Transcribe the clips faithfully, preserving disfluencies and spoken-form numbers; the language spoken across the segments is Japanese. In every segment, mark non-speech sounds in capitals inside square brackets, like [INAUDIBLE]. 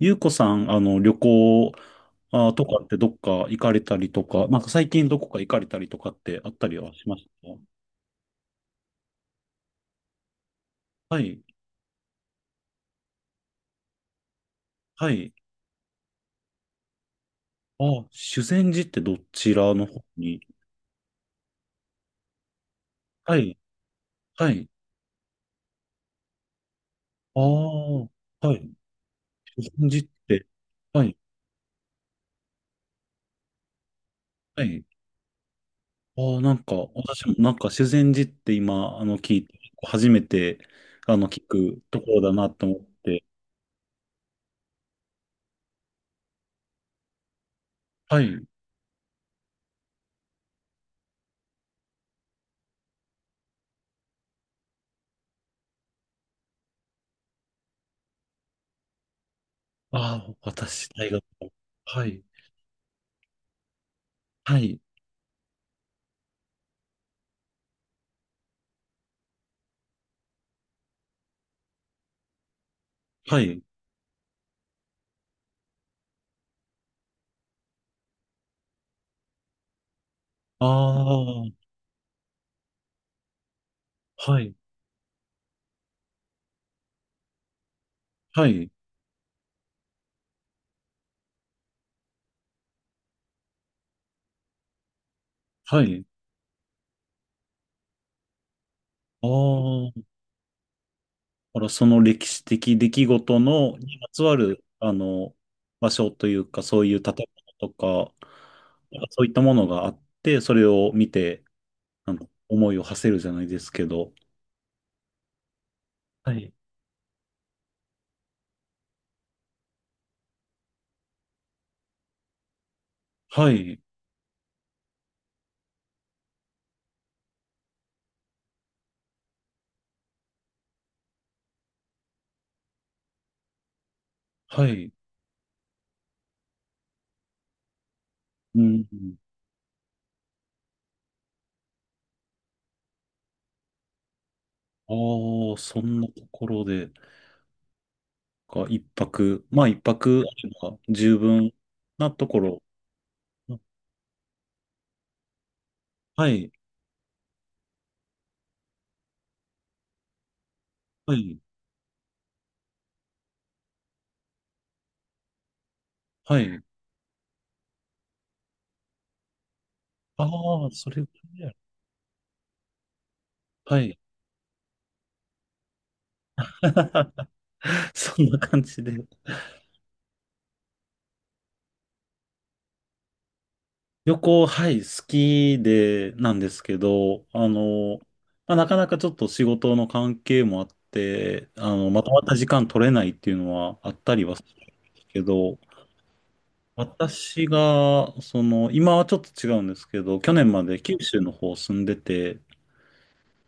ゆうこさん、あの、旅行あーとかってどっか行かれたりとか、なんか最近どこか行かれたりとかってあったりはしましたか？はい、はい。あー、修善寺ってどちらの方に？はい、はい。ああ、はい。修善寺って、はい、はい。ああ、なんか、私もなんか修善寺って今、あの、聞いて、初めて、あの、聞くところだなと思って、はい。ああ、私、大学、はい、はい、はい。ああ、はい、はい、はい。ああ、だからその歴史的出来事のにまつわる、あの、場所というか、そういう建物とか、なんかそういったものがあって、それを見て、あの、思いを馳せるじゃないですけど。はい。はい、はい。うん。ああ、そんなところで、か一泊、まあ一泊あれば十分なところ。はい、はい、はい。ああ、それぐらいや。はい。[LAUGHS] [LAUGHS] そんな感じで。旅行、はい、好きで、なんですけど、あの、まあ、なかなかちょっと仕事の関係もあって、あの、まとまった時間取れないっていうのはあったりはするんですけど、私が、その、今はちょっと違うんですけど、去年まで九州の方住んでて、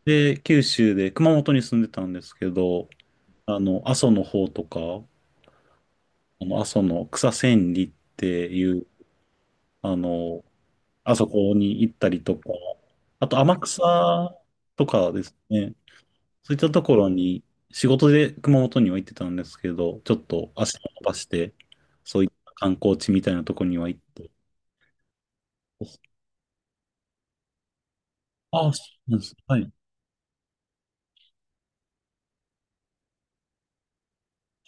で、九州で熊本に住んでたんですけど、あの、阿蘇の方とか、あの阿蘇の草千里っていう、あの、あそこに行ったりとか、あと天草とかですね、そういったところに仕事で熊本には行ってたんですけど、ちょっと足を伸ばして、そういった観光地みたいなところには行って、ああ、そうなんです。はい。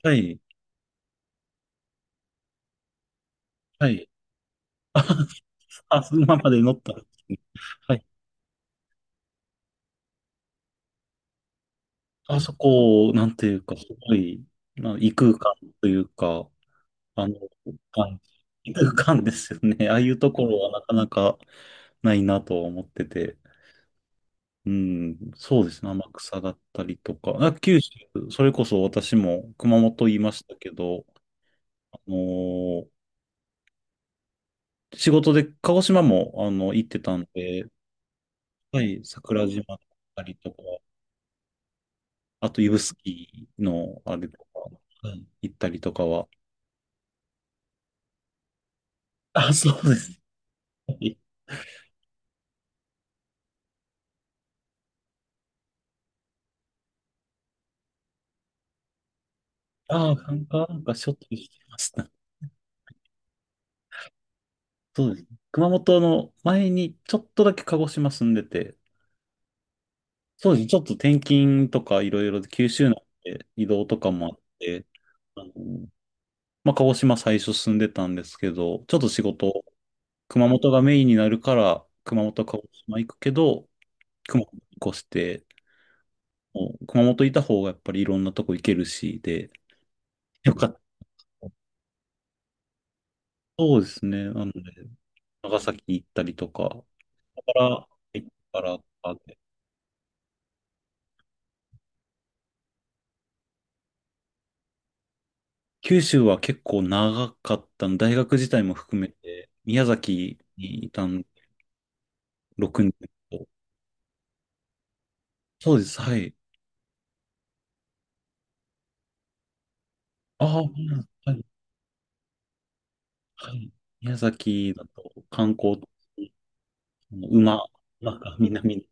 はい。はい。[LAUGHS] あ、馬まで乗ったんですね。はい。あそこ、なんていうか、すごい、まあ、異空間というか、あの、はい、異空間ですよね。ああいうところはなかなかないなと思ってて。うん、そうですね。天草だったりとか。あ九州、それこそ私も熊本言いましたけど、あのー仕事で鹿児島も、あの、行ってたんで、はい、桜島だったりとか、あと指宿のあれとか、はい、行ったりとかは。あ、そうですね。ああ、なんか、なんかしょっちゅうしてました。そうですね。熊本の前にちょっとだけ鹿児島住んでて、そうですね。ちょっと転勤とかいろいろで、九州の移動とかもあって、あの、まあ、鹿児島最初住んでたんですけど、ちょっと仕事、熊本がメインになるから、熊本、鹿児島行くけど、熊本に越して、もう熊本いた方がやっぱりいろんなとこ行けるし、で、よかった。そうですね。なので、長崎行ったりとか、だから行ったからとかで、九州は結構長かったの、大学自体も含めて、宮崎にいたんろくねん。そうです。はい。ああ、はい。はい。宮崎だと観光あの馬、馬が南に。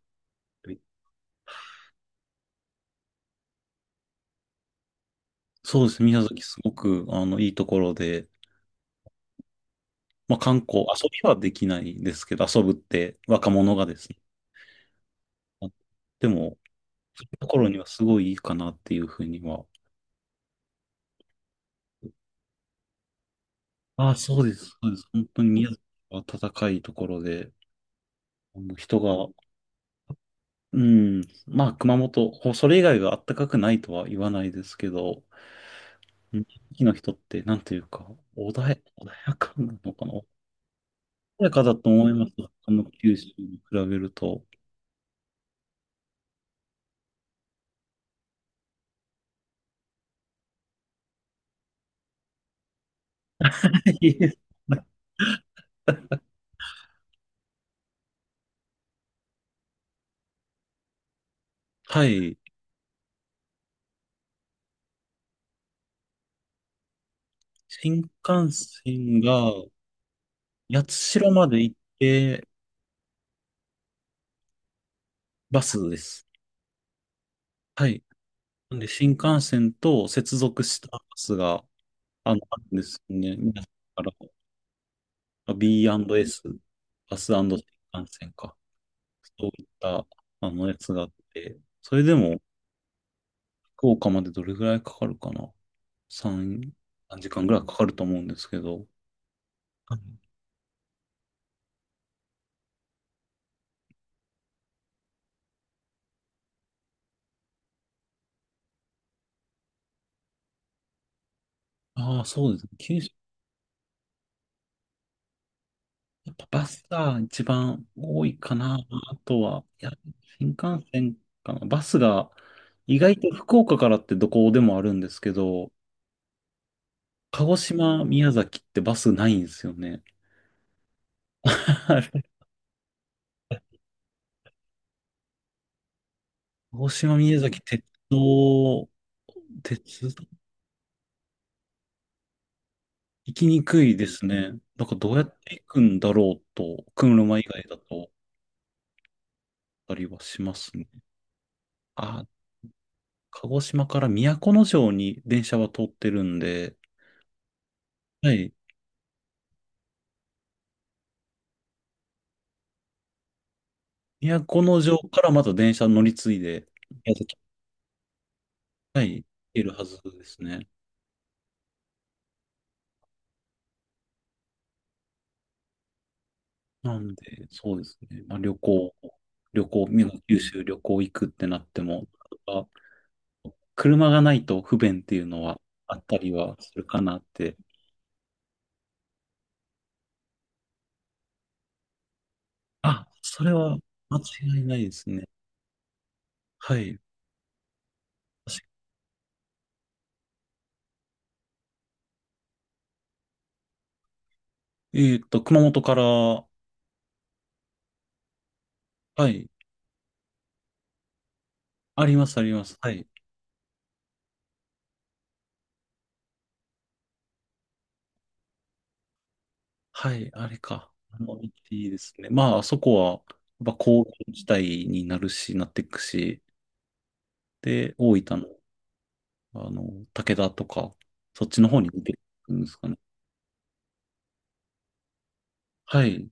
そうですね、宮崎すごく、あの、いいところで、まあ観光、遊びはできないですけど、遊ぶって若者がですね。あでも、そういうところにはすごいいいかなっていうふうには。ああ、そうです。そうです。本当に宮崎は暖かいところで、あの人が、うん、まあ熊本、ほそれ以外は暖かくないとは言わないですけど、地域の人って、なんというか、穏や、穏やかなのかな、穏やかだと思います。他の九州に比べると。[LAUGHS] いえ、はい。新幹線が、八代まで行って、バスです。はい。なんで、新幹線と接続したバスが、あの、あるんですよね。皆さんから、ビーアンドエス、バス新幹線か。そういった、あの、やつがあって、それでも、福岡までどれぐらいかかるかな。さん、さんじかんぐらいかかると思うんですけど。ああー、そうですね。九州、やっぱバスが一番多いかな。あとは、いや、新幹線かな。バスが、意外と福岡からってどこでもあるんですけど、鹿児島、宮崎ってバスないんですよね。[LAUGHS] はい。鹿児島、宮崎、鉄道、鉄道、行きにくいですね。なんかどうやって行くんだろうと、車以外だと、あったりはしますね。ああ、鹿児島から都城に電車は通ってるんで、はい。都城からまた電車乗り継いで、宮崎、はい、行けるはずですね。なんで、そうですね。まあ、旅行、旅行、宮崎九州旅行行くってなっても、あ車がないと不便っていうのはあったりはするかなって。あ、それは間違いないですね。はい。えっと、熊本から、はい。あります、あります。はい。はい、あれか。あの、いいですね。まあ、あそこは、やっぱ工業地帯になるし、なっていくし、で、大分の、あの、武田とか、そっちの方に出てくるんですかね。はい。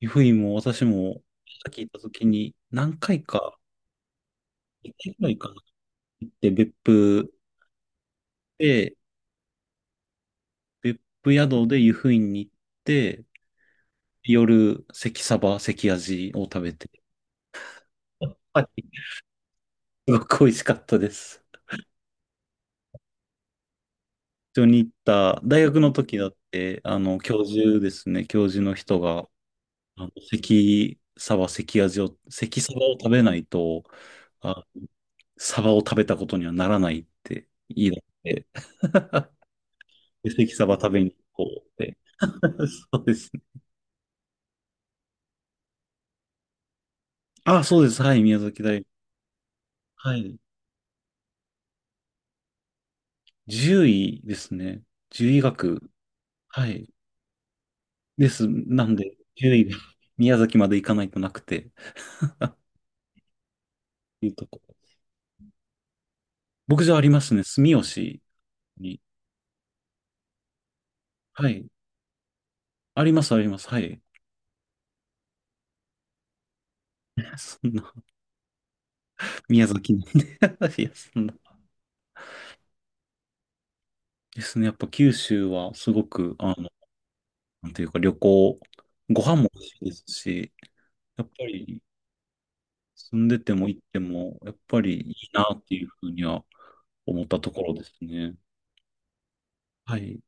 湯布院も私も、さっき行った時に、何回か、一回ぐらいかなって、別府で、別府宿で湯布院に行って、夜、関サバ、関アジを食べて、[LAUGHS] やっぱりすごく美味しかったです。一緒に行った、大学の時だって、あの、教授ですね、教授の人が、あの、関サバ、関アジを、関サバを食べないと、あ、サバを食べたことにはならないって言い出して、で関サバ食べに行こうって。[LAUGHS] そうですね。あ、そうです。はい、宮崎大学。はい。獣医ですね。獣医学。はい。です。なんで、獣医が [LAUGHS] 宮崎まで行かないとなくて [LAUGHS] いうとこ。僕じゃありますね。住吉に。はい。あります、あります。はい。[LAUGHS] そんな、宮崎なんで [LAUGHS] いや、そんな。ですね。やっぱ九州はすごく、あの、なんていうか旅行、ご飯も美味しいですし、やっぱり住んでても行っても、やっぱりいいなっていうふうには思ったところですね。はい。